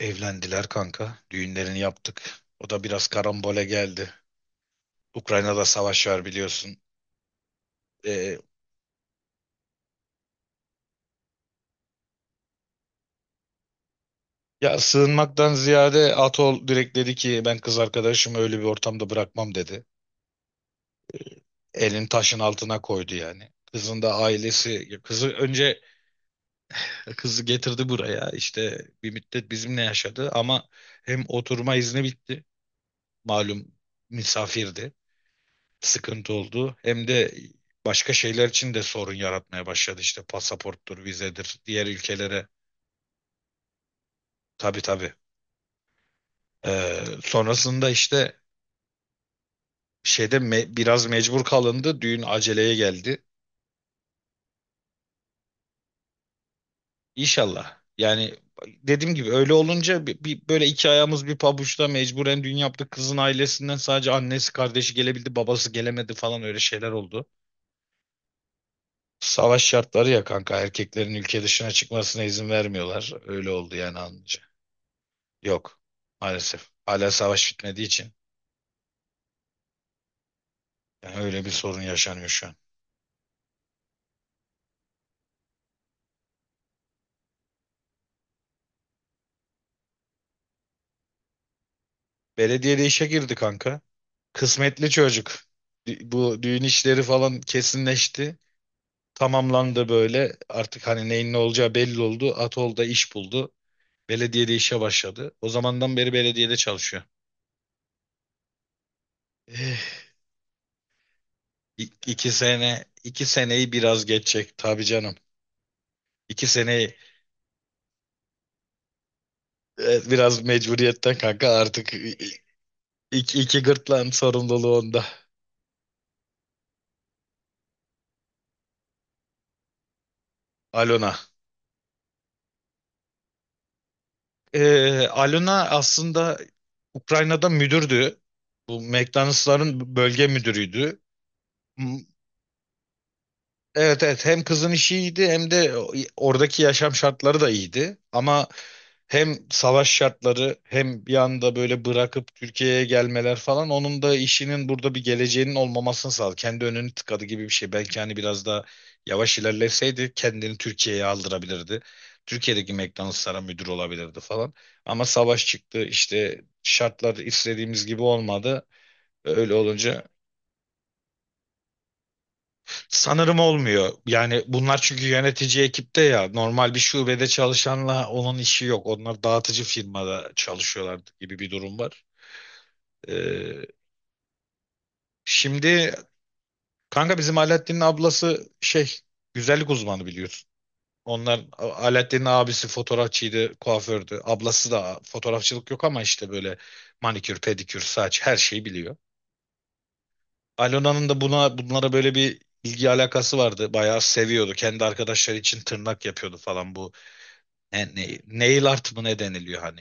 Evlendiler kanka. Düğünlerini yaptık. O da biraz karambole geldi. Ukrayna'da savaş var biliyorsun. Ee, ya sığınmaktan ziyade Atol direkt dedi ki ben kız arkadaşımı öyle bir ortamda bırakmam dedi. Elin taşın altına koydu yani. Kızın da ailesi, kızı getirdi buraya. İşte bir müddet bizimle yaşadı ama hem oturma izni bitti. Malum misafirdi. Sıkıntı oldu. Hem de başka şeyler için de sorun yaratmaya başladı işte pasaporttur, vizedir, diğer ülkelere. Tabii, tabii. Sonrasında işte biraz mecbur kalındı. Düğün aceleye geldi. İnşallah. Yani dediğim gibi öyle olunca böyle iki ayağımız bir pabuçta mecburen düğün yaptık. Kızın ailesinden sadece annesi kardeşi gelebildi, babası gelemedi falan öyle şeyler oldu. Savaş şartları ya kanka erkeklerin ülke dışına çıkmasına izin vermiyorlar. Öyle oldu yani anca. Yok. Maalesef. Hala savaş bitmediği için. Yani öyle bir sorun yaşanıyor şu an. Belediyede işe girdi kanka. Kısmetli çocuk. Bu düğün işleri falan kesinleşti. Tamamlandı böyle. Artık hani neyin ne olacağı belli oldu. Atol'da iş buldu. Belediyede işe başladı. O zamandan beri belediyede çalışıyor. Eh, İ iki sene, 2 seneyi biraz geçecek tabii canım. 2 seneyi biraz mecburiyetten kanka artık iki gırtlağın sorumluluğu onda. Alona. Alona aslında Ukrayna'da müdürdü. Bu McDonald's'ların bölge müdürüydü. Evet, evet, hem kızın işi iyiydi hem de oradaki yaşam şartları da iyiydi. Ama hem savaş şartları hem bir anda böyle bırakıp Türkiye'ye gelmeler falan onun da işinin burada bir geleceğinin olmamasını sağladı. Kendi önünü tıkadı gibi bir şey. Belki hani biraz daha yavaş ilerleseydi kendini Türkiye'ye aldırabilirdi. Türkiye'deki McDonald's'lara müdür olabilirdi falan. Ama savaş çıktı işte şartlar istediğimiz gibi olmadı. Öyle olunca sanırım olmuyor. Yani bunlar çünkü yönetici ekipte ya normal bir şubede çalışanla onun işi yok. Onlar dağıtıcı firmada çalışıyorlar gibi bir durum var. Ee, Şimdi kanka bizim Alaaddin'in ablası güzellik uzmanı biliyorsun. Onlar Alaaddin'in abisi fotoğrafçıydı, kuafördü. Ablası da fotoğrafçılık yok ama işte böyle manikür, pedikür, saç her şeyi biliyor. Alona'nın da bunlara böyle bir ilgi alakası vardı. Bayağı seviyordu. Kendi arkadaşları için tırnak yapıyordu falan bu. Yani, nail art mı ne deniliyor hani?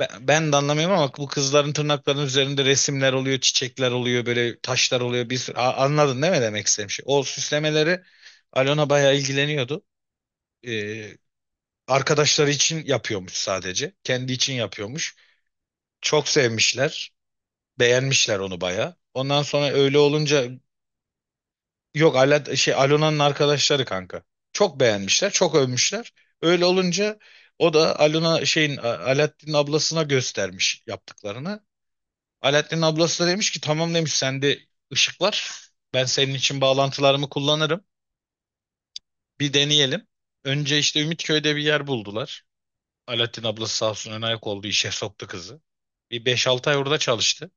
Ben de anlamıyorum ama bu kızların tırnaklarının üzerinde resimler oluyor, çiçekler oluyor, böyle taşlar oluyor. Bir sürü, anladın değil mi demek istediğim şey? O süslemeleri Alona bayağı ilgileniyordu. Ee, Arkadaşları için yapıyormuş sadece. Kendi için yapıyormuş. Çok sevmişler. Beğenmişler onu bayağı. Ondan sonra öyle olunca. Yok, Ala, şey Alona'nın arkadaşları kanka. Çok beğenmişler, çok övmüşler. Öyle olunca o da Alona Alaaddin'in ablasına göstermiş yaptıklarını. Alaaddin'in ablası da demiş ki tamam demiş sende ışık var. Ben senin için bağlantılarımı kullanırım. Bir deneyelim. Önce işte Ümitköy'de bir yer buldular. Alaaddin ablası sağ olsun ön ayak oldu işe soktu kızı. Bir 5-6 ay orada çalıştı.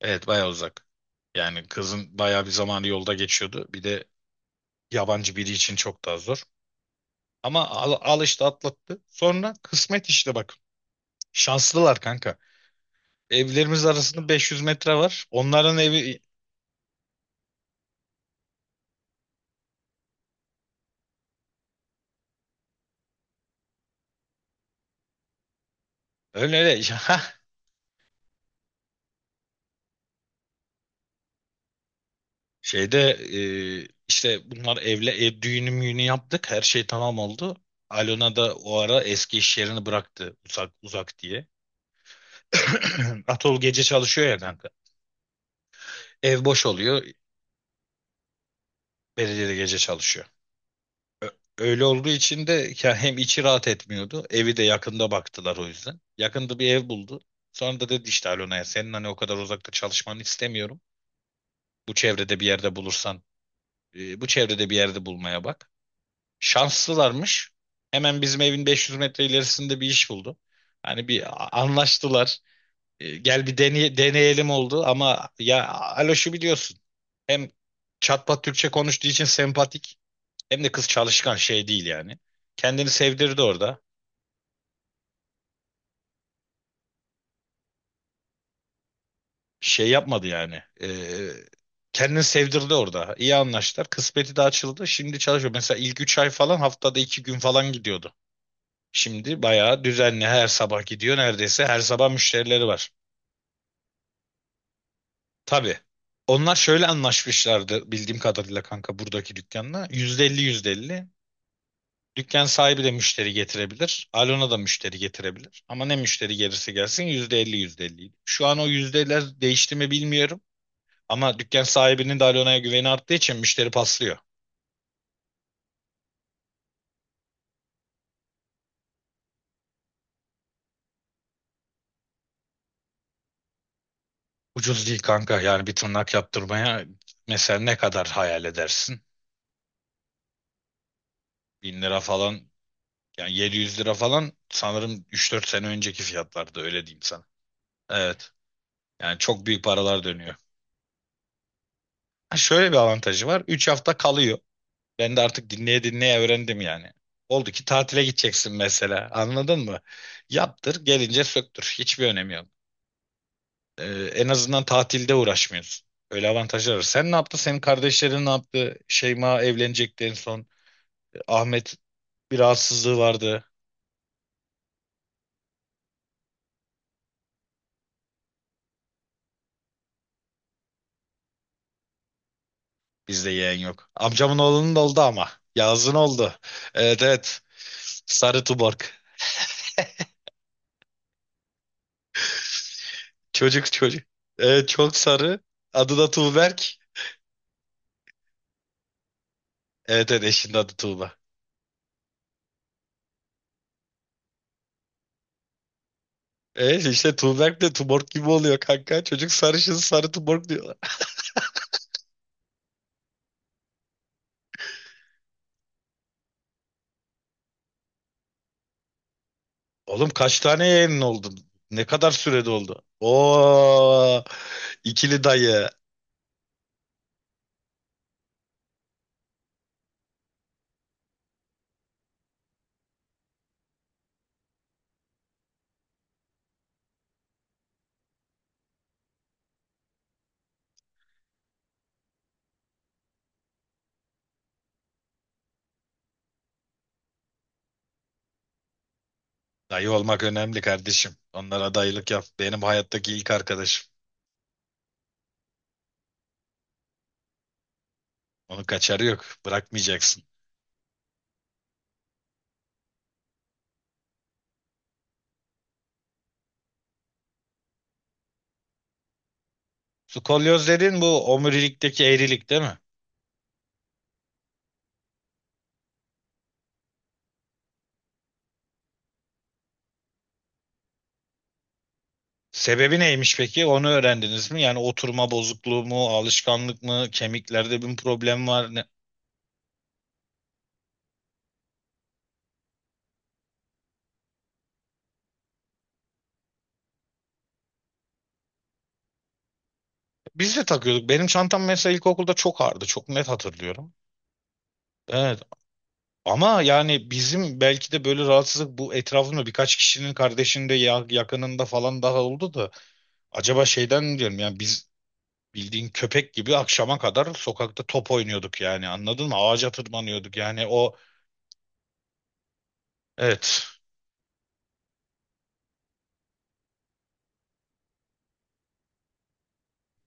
Evet bayağı uzak. Yani kızın bayağı bir zamanı yolda geçiyordu. Bir de yabancı biri için çok daha zor. Ama al işte atlattı. Sonra kısmet işte bak. Şanslılar kanka. Evlerimiz arasında 500 metre var. Onların evi öyle öyle. Ha, şeyde işte bunlar ev düğünü müğünü yaptık. Her şey tamam oldu. Alona da o ara eski iş yerini bıraktı uzak uzak diye. Atol gece çalışıyor ya kanka. Ev boş oluyor. Belediye de gece çalışıyor. Ö- Öyle olduğu için de ya hem içi rahat etmiyordu. Evi de yakında baktılar o yüzden. Yakında bir ev buldu. Sonra da dedi işte Alona'ya senin hani o kadar uzakta çalışmanı istemiyorum. Bu çevrede bir yerde bulursan Bu çevrede bir yerde bulmaya bak. Şanslılarmış. Hemen bizim evin 500 metre ilerisinde bir iş buldu. Hani bir anlaştılar. Gel bir deneyelim oldu ama ya Aloş'u biliyorsun. Hem çatpat Türkçe konuştuğu için sempatik. Hem de kız çalışkan şey değil yani. Kendini sevdirdi orada. Şey yapmadı yani. Kendini sevdirdi orada. İyi anlaştılar. Kısmeti de açıldı. Şimdi çalışıyor. Mesela ilk 3 ay falan haftada 2 gün falan gidiyordu. Şimdi bayağı düzenli her sabah gidiyor. Neredeyse her sabah müşterileri var. Tabii. Onlar şöyle anlaşmışlardı bildiğim kadarıyla kanka buradaki dükkanla. %50 %50. Dükkan sahibi de müşteri getirebilir. Alona da müşteri getirebilir. Ama ne müşteri gelirse gelsin %50 %50. Şu an o yüzdeler değişti mi bilmiyorum. Ama dükkan sahibinin de Alona'ya güveni arttığı için müşteri paslıyor. Ucuz değil kanka. Yani bir tırnak yaptırmaya mesela ne kadar hayal edersin? 1.000 lira falan yani 700 lira falan sanırım 3-4 sene önceki fiyatlarda öyle diyeyim sana. Evet. Yani çok büyük paralar dönüyor. Ha, şöyle bir avantajı var. 3 hafta kalıyor. Ben de artık dinleye dinleye öğrendim yani. Oldu ki tatile gideceksin mesela. Anladın mı? Yaptır, gelince söktür. Hiçbir önemi yok. Ee, En azından tatilde uğraşmıyorsun. Öyle avantajlar var. Sen ne yaptın? Senin kardeşlerin ne yaptı? Şeyma evlenecekti en son. Ahmet bir rahatsızlığı vardı. Bizde yeğen yok. Amcamın oğlunun da oldu ama. Yağız'ın oldu. Evet, evet. Sarı Tuborg. Çocuk çocuk. Evet çok sarı. Adı da Tuğberk. Evet, evet, eşinin adı Tuğba. E işte Tuğberk de Tuborg gibi oluyor kanka. Çocuk sarışın sarı Tuborg diyor. Oğlum kaç tane yayının oldu? Ne kadar sürede oldu? Oo, ikili dayı. Dayı olmak önemli kardeşim. Onlara dayılık yap. Benim hayattaki ilk arkadaşım. Onun kaçarı yok. Bırakmayacaksın. Skolyoz dedin bu omurilikteki eğrilik değil mi? Sebebi neymiş peki? Onu öğrendiniz mi? Yani oturma bozukluğu mu, alışkanlık mı, kemiklerde bir problem var? Ne? Biz de takıyorduk. Benim çantam mesela ilkokulda çok ağırdı. Çok net hatırlıyorum. Evet. Ama yani bizim belki de böyle rahatsızlık bu etrafımda birkaç kişinin kardeşinde yakınında falan daha oldu da acaba şeyden mi diyorum yani biz bildiğin köpek gibi akşama kadar sokakta top oynuyorduk yani anladın mı? Ağaca tırmanıyorduk yani o evet,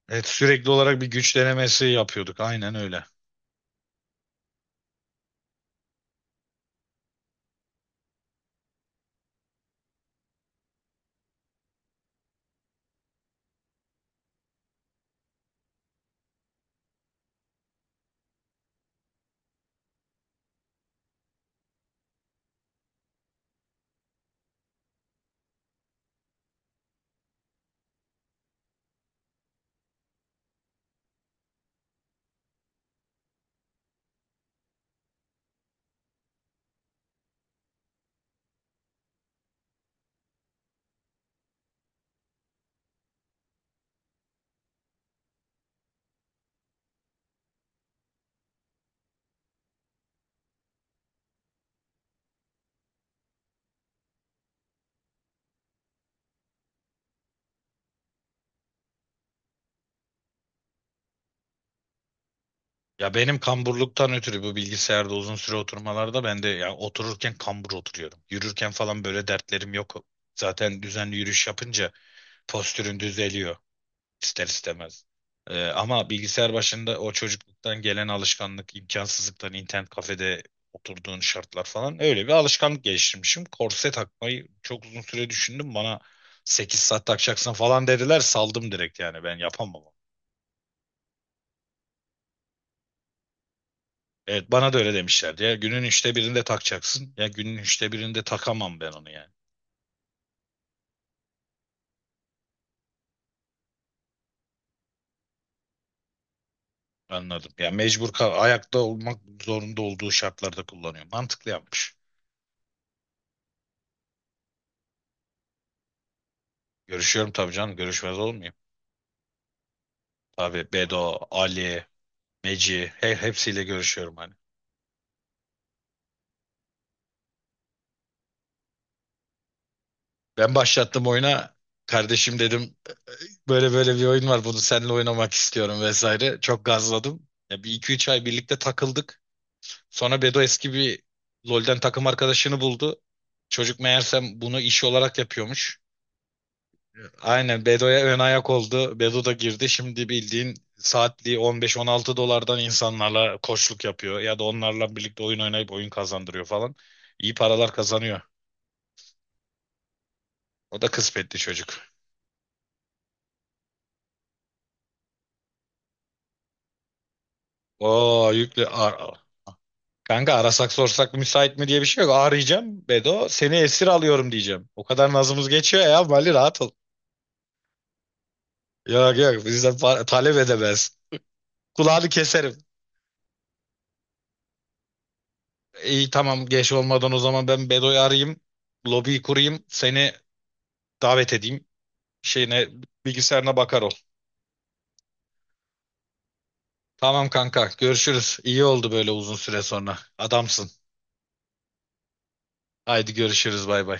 evet, sürekli olarak bir güç denemesi yapıyorduk aynen öyle. Ya benim kamburluktan ötürü bu bilgisayarda uzun süre oturmalarda ben de ya otururken kambur oturuyorum. Yürürken falan böyle dertlerim yok. Zaten düzenli yürüyüş yapınca postürün düzeliyor ister istemez. Ama bilgisayar başında o çocukluktan gelen alışkanlık, imkansızlıktan internet kafede oturduğun şartlar falan öyle bir alışkanlık geliştirmişim. Korse takmayı çok uzun süre düşündüm. Bana 8 saat takacaksın falan dediler. Saldım direkt yani ben yapamam. Evet, bana da öyle demişlerdi ya günün üçte birinde takacaksın, ya günün üçte birinde takamam ben onu yani. Anladım ya, mecbur kal ayakta olmak zorunda olduğu şartlarda kullanıyor, mantıklı yapmış. Görüşüyorum tabii canım, görüşmez olmayayım. Tabii Bedo, Ali, Meci, he, hepsiyle görüşüyorum hani. Ben başlattım oyuna kardeşim dedim, böyle böyle bir oyun var, bunu seninle oynamak istiyorum vesaire, çok gazladım ya. Bir iki üç ay birlikte takıldık. Sonra Bedo eski bir LoL'den takım arkadaşını buldu. Çocuk meğersem bunu iş olarak yapıyormuş. Aynen Bedo'ya ön ayak oldu. Bedo da girdi. Şimdi bildiğin saatliği 15-16 dolardan insanlarla koçluk yapıyor. Ya da onlarla birlikte oyun oynayıp oyun kazandırıyor falan. İyi paralar kazanıyor. O da kısmetli çocuk. Oo yüklü. Kanka arasak sorsak müsait mi diye bir şey yok. Arayacağım Bedo. Seni esir alıyorum diyeceğim. O kadar nazımız geçiyor ya. Mali rahat ol. Yok, yok, bizden talep edemez. Kulağını keserim. İyi tamam geç olmadan o zaman ben Bedo'yu arayayım. Lobiyi kurayım. Seni davet edeyim. Şeyine bilgisayarına bakar ol. Tamam kanka görüşürüz. İyi oldu böyle uzun süre sonra. Adamsın. Haydi görüşürüz bay bay.